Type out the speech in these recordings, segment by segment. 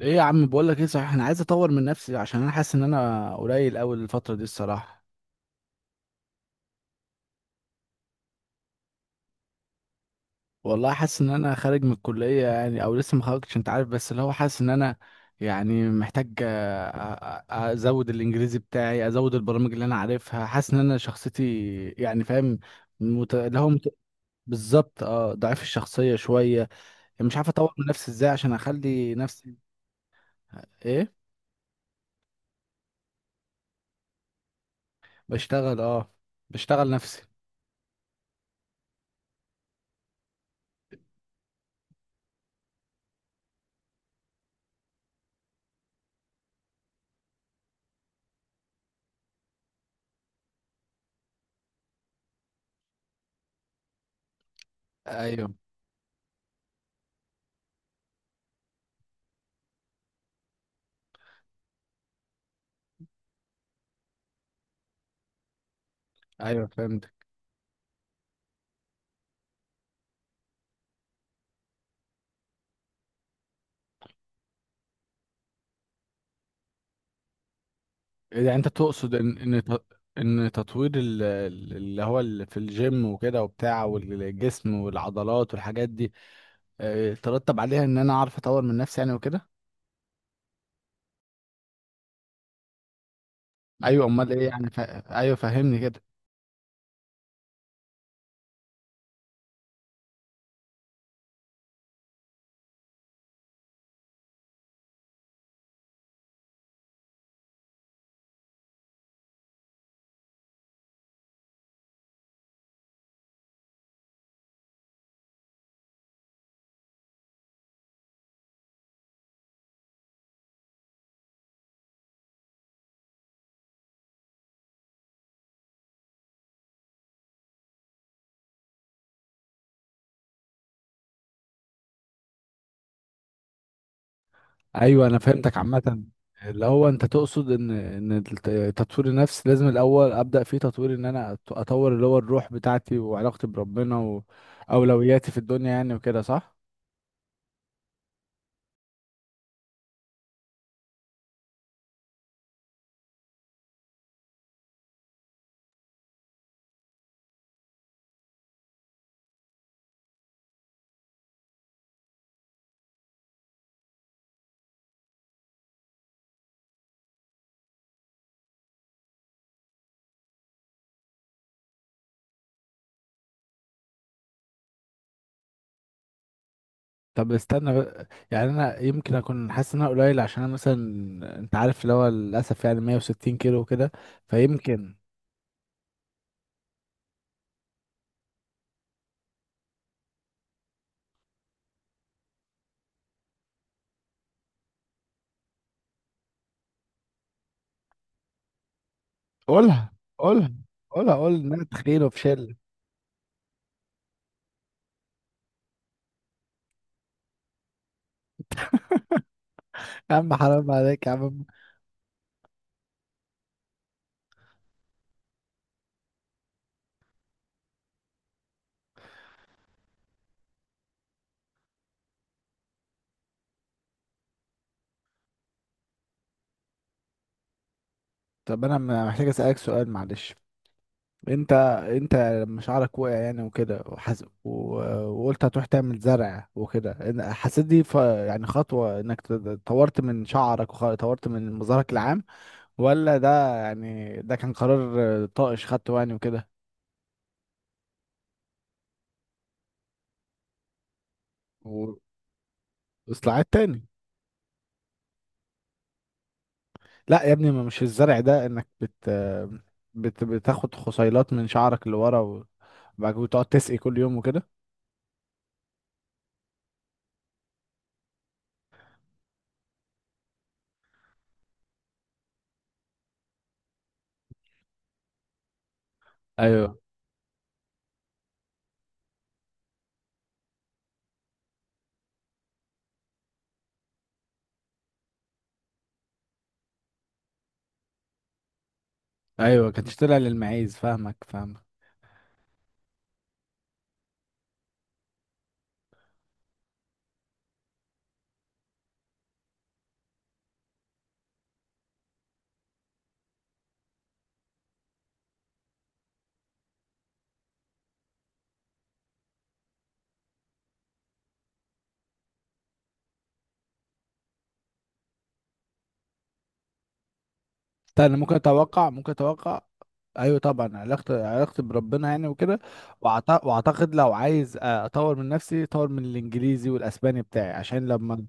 ايه يا عم بقول لك ايه صحيح، انا عايز اطور من نفسي عشان انا حاسس ان انا قليل قوي الفتره دي الصراحه. والله حاسس ان انا خارج من الكليه يعني، او لسه ما خرجتش انت عارف، بس اللي هو حاسس ان انا يعني محتاج ازود الانجليزي بتاعي، ازود البرامج اللي انا عارفها، حاسس ان انا شخصيتي يعني فاهم. مت... اللي هو مت... بالظبط اه، ضعيف الشخصيه شويه. يعني مش عارف اطور من نفسي ازاي عشان اخلي نفسي ايه. بشتغل اه، بشتغل نفسي. ايوه، ايوه فهمت يعني. انت تقصد ان ان تطوير في الجيم وكده وبتاع، والجسم والعضلات والحاجات دي، ترتب عليها ان انا اعرف اطور من نفسي يعني وكده. ايوه امال ايه يعني ايوه فهمني كده. ايوه انا فهمتك عامه. اللي هو انت تقصد ان ان تطوير النفس لازم الاول ابدا فيه تطوير. ان انا اطور اللي هو الروح بتاعتي وعلاقتي بربنا واولوياتي في الدنيا يعني وكده، صح؟ طب استنى بقى. يعني انا يمكن اكون حاسس ان انا قليل عشان انا مثلا انت عارف اللي هو للاسف يعني 160 كيلو وكده، فيمكن. قولها، قولها، قولها، قول ان انا تخين وفشل. يا عم حرام عليك يا عم. طب انا محتاج اسالك سؤال معلش. انت انت لما شعرك وقع يعني وكده وقلت هتروح تعمل زرع وكده حسيت دي يعني خطوة انك طورت من شعرك وطورت من مظهرك العام، ولا ده يعني ده كان قرار طائش خدته يعني وكده واصلاحات تاني؟ لا يا ابني، ما مش الزرع ده انك بت بتاخد خصيلات من شعرك اللي ورا وبعد كده تقعد تسقي كل يوم وكده. ايوه، ايوه كانت طلع للمعيز، فاهمك فاهمك. استنى، ممكن اتوقع، ممكن اتوقع. ايوه طبعا، علاقتي علاقتي بربنا يعني وكده. واعتقد لو عايز اطور من نفسي، اطور من الانجليزي والاسباني بتاعي عشان لما.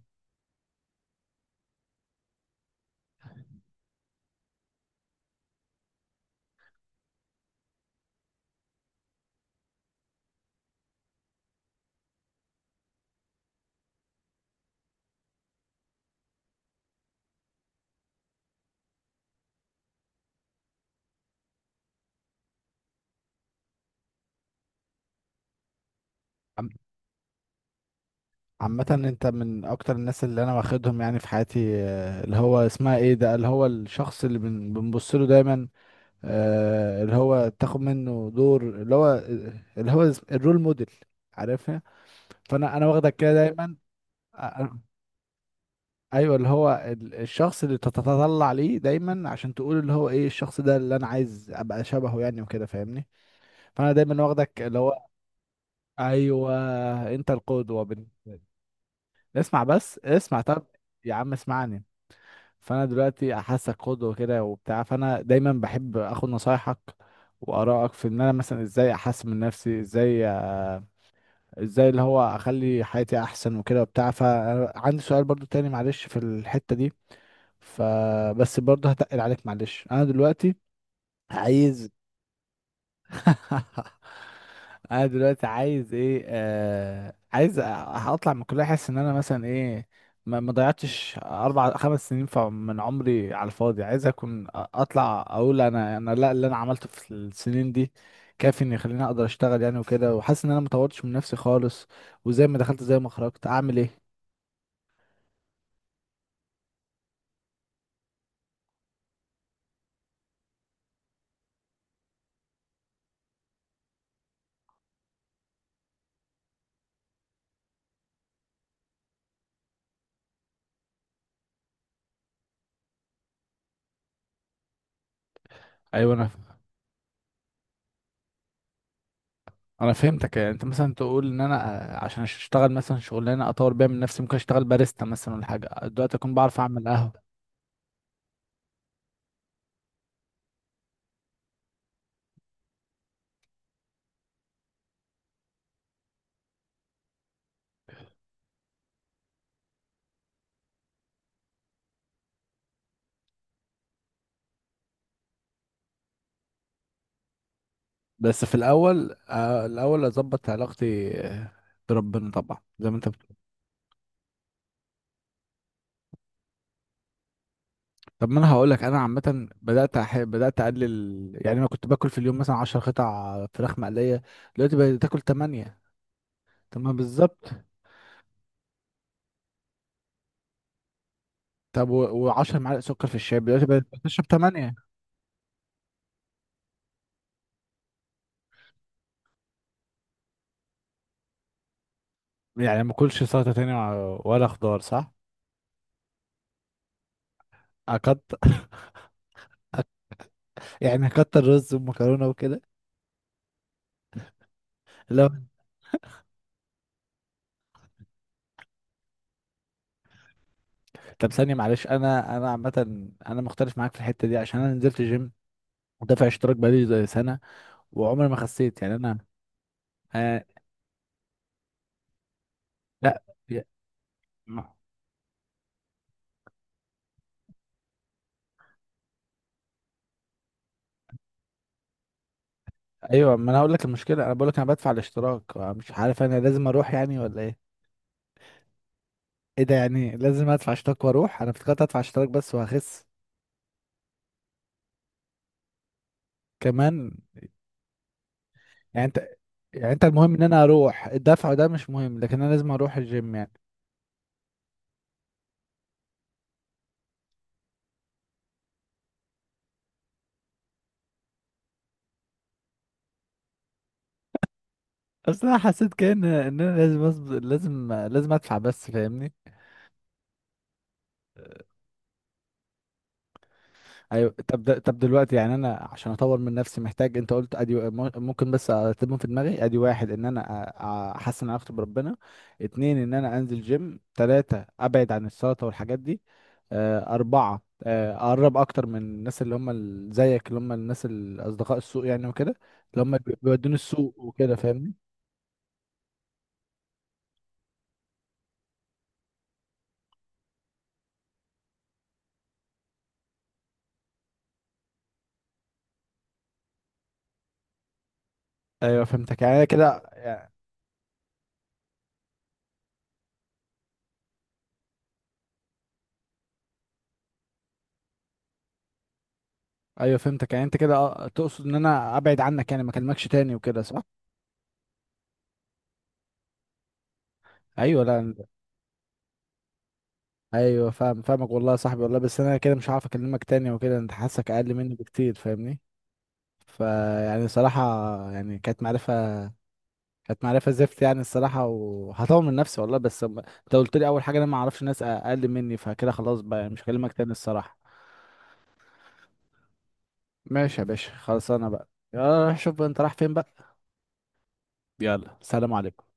عامة انت من اكتر الناس اللي انا واخدهم يعني في حياتي، اللي هو اسمها ايه ده، اللي هو الشخص اللي بنبص له دايما، اللي هو تاخد منه دور، اللي هو اللي هو الرول موديل. عارفها؟ فانا، واخدك كده دايما. آه، آه، ايوه، اللي هو الشخص اللي تتطلع ليه دايما عشان تقول اللي هو ايه الشخص ده اللي انا عايز ابقى شبهه يعني وكده، فاهمني؟ فانا دايما واخدك اللي هو. ايوه، انت القدوة اسمع بس، اسمع طب. يا عم اسمعني. فانا دلوقتي حاسك قدوه كده وبتاع، فانا دايما بحب اخد نصايحك وارائك في ان انا مثلا ازاي احسن من نفسي، ازاي ازاي اللي هو اخلي حياتي احسن وكده وبتاع. فعندي سؤال برضو تاني معلش في الحته دي، فبس برضو هتقل عليك معلش. انا دلوقتي عايز. انا دلوقتي عايز ايه؟ آه عايز اطلع من الكليه، احس ان انا مثلا ايه، ما ضيعتش 4 5 سنين من عمري على الفاضي. عايز اكون اطلع اقول انا، لا، اللي انا عملته في السنين دي كافي ان يخليني اقدر اشتغل يعني وكده. وحاسس ان انا ما طورتش من نفسي خالص، وزي ما دخلت زي ما خرجت. اعمل ايه؟ ايوه انا فهمتك. يعني انت مثلا تقول ان انا عشان اشتغل مثلا شغلانه اطور بيها من نفسي، ممكن اشتغل باريستا مثلا ولا حاجه دلوقتي اكون بعرف اعمل قهوه. بس في الاول الاول اظبط علاقتي بربنا طبعا زي ما انت بتقول. طب ما انا هقول لك انا عامه، بدات اقلل. يعني انا كنت باكل في اليوم مثلا 10 قطع فراخ مقليه، دلوقتي بقيت تاكل 8. تمام بالظبط. طب و10 معالق سكر في الشاي دلوقتي بقيت بشرب 8. يعني ما اكلش سلطه تاني، ولا خضار، صح؟ اكتر. يعني اكتر رز ومكرونه وكده. لا. طب ثانيه معلش، انا، عامه انا مختلف معاك في الحته دي عشان انا نزلت جيم ودافع اشتراك بقالي زي سنة، وعمري ما خسيت يعني انا. آه، لا. يا- ما- ايوه ما انا هقول لك المشكله، انا بقول لك انا بدفع الاشتراك مش عارف انا لازم اروح يعني ولا ايه. ايه ده يعني؟ لازم ادفع اشتراك واروح؟ انا افتكرت ادفع اشتراك بس وهخس كمان. يعني انت، يعني انت المهم ان انا اروح، الدفع ده مش مهم، لكن انا لازم اروح الجيم يعني. اصل انا حسيت كأن ان انا لازم لازم ادفع بس، فاهمني؟ ايوه طب طب دلوقتي يعني انا عشان اطور من نفسي محتاج، انت قلت ادي ممكن بس ارتبهم في دماغي؟ ادي واحد، ان انا احسن علاقتي بربنا. اتنين، ان انا انزل جيم. تلاتة، ابعد عن السلطة والحاجات دي. اربعة اقرب اكتر من الناس اللي هم زيك، اللي هم الناس الاصدقاء السوق يعني وكده، اللي هم بيودوني السوق وكده، فاهمني؟ ايوه فهمتك يعني أنا كده يعني. ايوه فهمتك. يعني انت كده تقصد ان انا ابعد عنك يعني، ما اكلمكش تاني وكده، صح؟ ايوه، لا. ايوه فاهم، فاهمك والله يا صاحبي، والله. بس انا كده مش هعرف اكلمك تاني وكده، انت حاسك اقل مني بكتير فاهمني. فيعني صراحه يعني، كانت معرفه، كانت معرفه زفت يعني الصراحه. وهطور من نفسي والله، بس انت قلت لي اول حاجه انا ما اعرفش ناس اقل مني، فكده خلاص بقى يعني مش هكلمك تاني الصراحه. ماشي يا باشا، خلاص انا بقى. يلا روح شوف بقى انت رايح فين بقى. يلا، سلام عليكم.